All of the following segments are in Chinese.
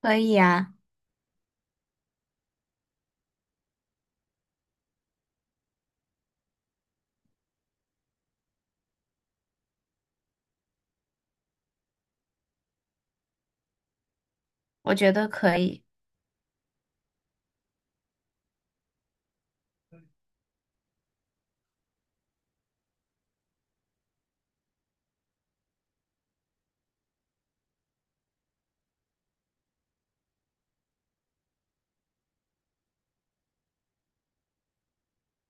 可以呀，我觉得可以。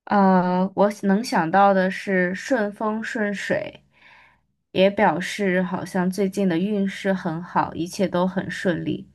我能想到的是顺风顺水，也表示好像最近的运势很好，一切都很顺利。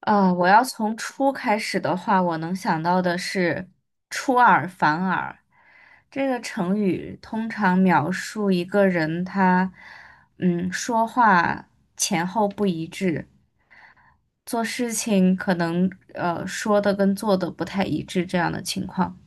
我要从初开始的话，我能想到的是出尔反尔。这个成语通常描述一个人他，说话前后不一致，做事情可能说的跟做的不太一致这样的情况。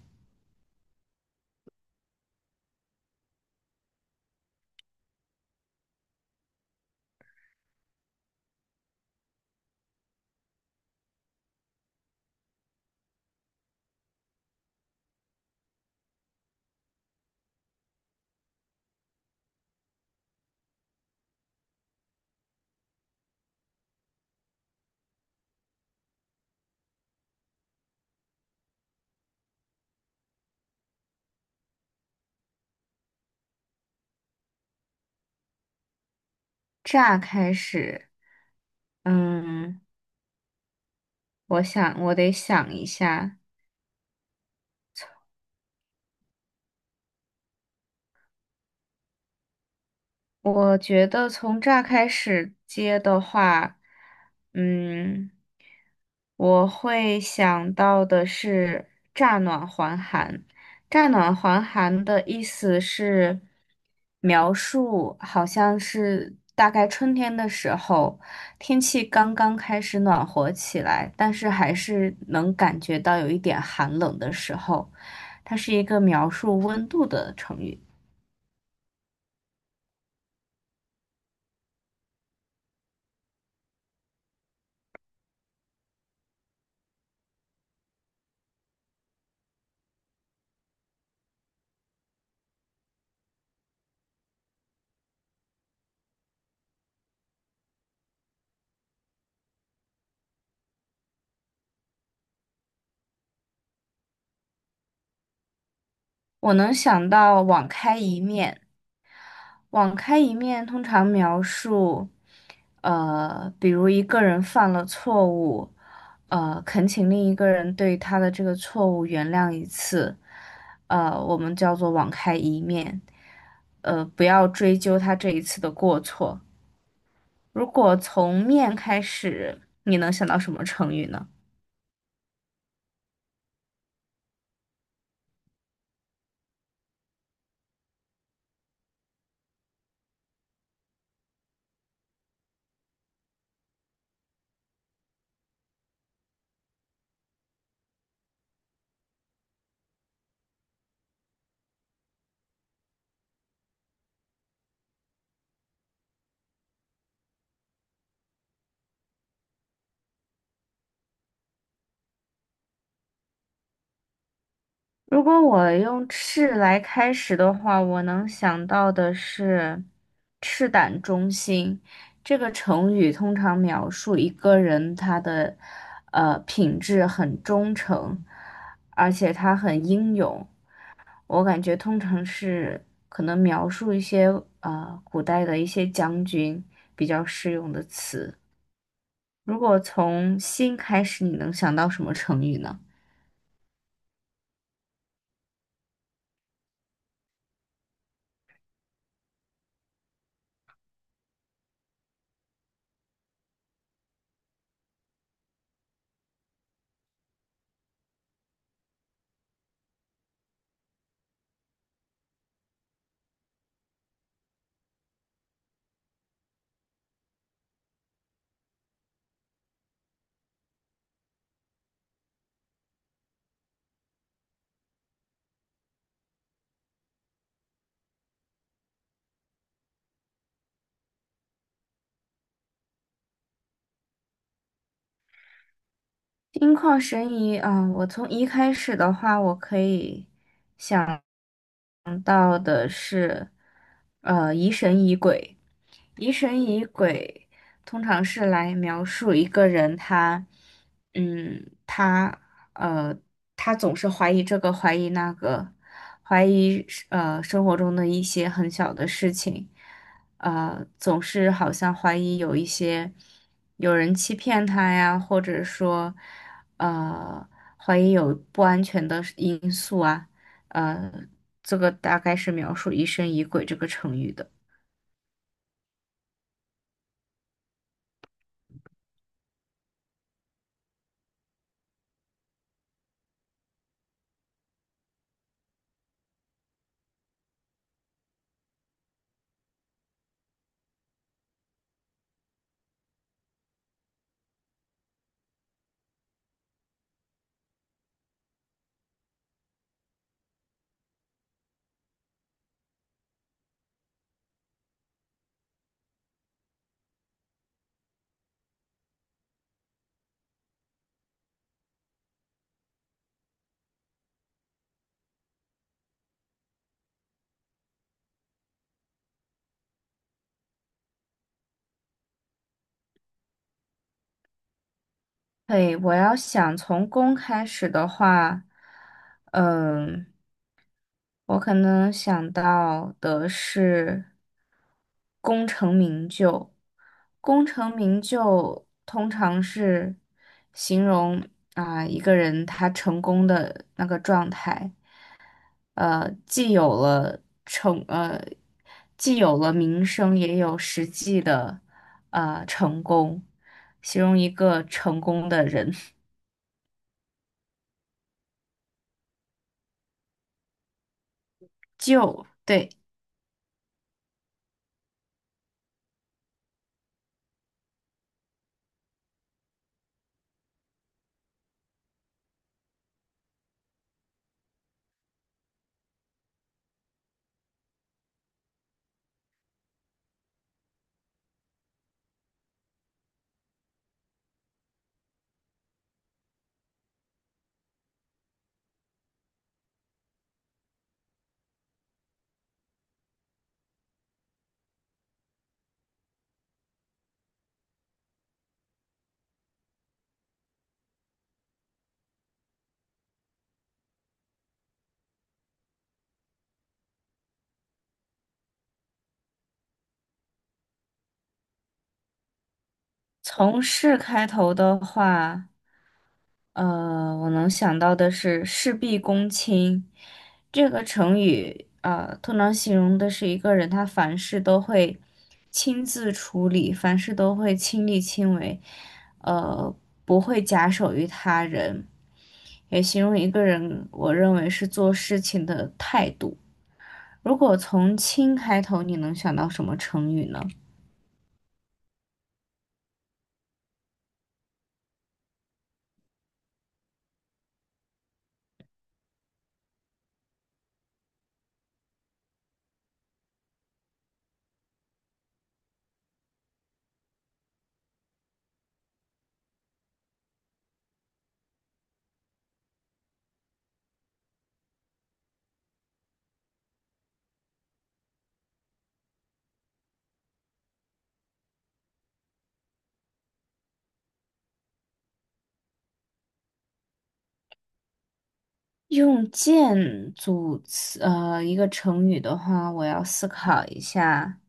乍开始，嗯，我想我得想一下。我觉得从乍开始接的话，嗯。我会想到的是乍暖还寒。乍暖还寒的意思是描述，好像是大概春天的时候，天气刚刚开始暖和起来，但是还是能感觉到有一点寒冷的时候，它是一个描述温度的成语。我能想到网开一面。网开一面通常描述，比如一个人犯了错误，恳请另一个人对他的这个错误原谅一次，我们叫做网开一面，不要追究他这一次的过错。如果从面开始，你能想到什么成语呢？如果我用赤来开始的话，我能想到的是“赤胆忠心”这个成语，通常描述一个人他的品质很忠诚，而且他很英勇。我感觉通常是可能描述一些古代的一些将军比较适用的词。如果从“心”开始，你能想到什么成语呢？心旷神怡啊，我从一开始的话，我可以想想到的是，疑神疑鬼。疑神疑鬼通常是来描述一个人他，嗯，他呃，他总是怀疑这个，怀疑那个，怀疑生活中的一些很小的事情，总是好像怀疑有一些有人欺骗他呀，或者说，呃，怀疑有不安全的因素啊。呃，这个大概是描述疑神疑鬼这个成语的。对，我要想从公开始的话，嗯，我可能想到的是功成名就。功成名就通常是形容一个人他成功的那个状态。呃，既有了成呃，既有了名声，也有实际的成功，形容一个成功的人。就对，从事开头的话，我能想到的是事必躬亲这个成语，通常形容的是一个人他凡事都会亲自处理，凡事都会亲力亲为，呃，不会假手于他人。也形容一个人，我认为是做事情的态度。如果从“轻”开头，你能想到什么成语呢？用“剑”组词，一个成语的话，我要思考一下。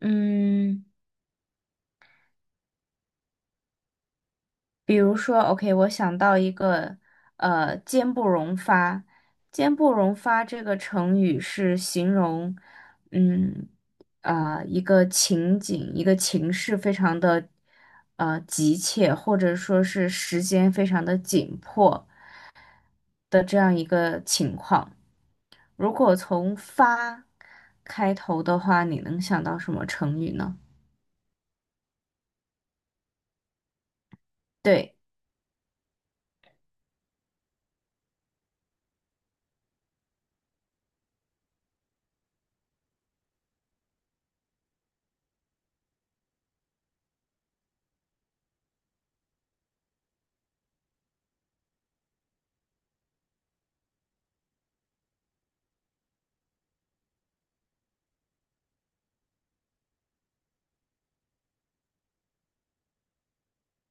嗯，比如说，OK，我想到一个，“坚不容发”。“坚不容发”这个成语是形容，嗯，一个情景、一个情势非常的，急切，或者说是时间非常的紧迫的这样一个情况。如果从“发”开头的话，你能想到什么成语呢？对，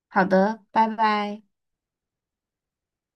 好的，拜拜。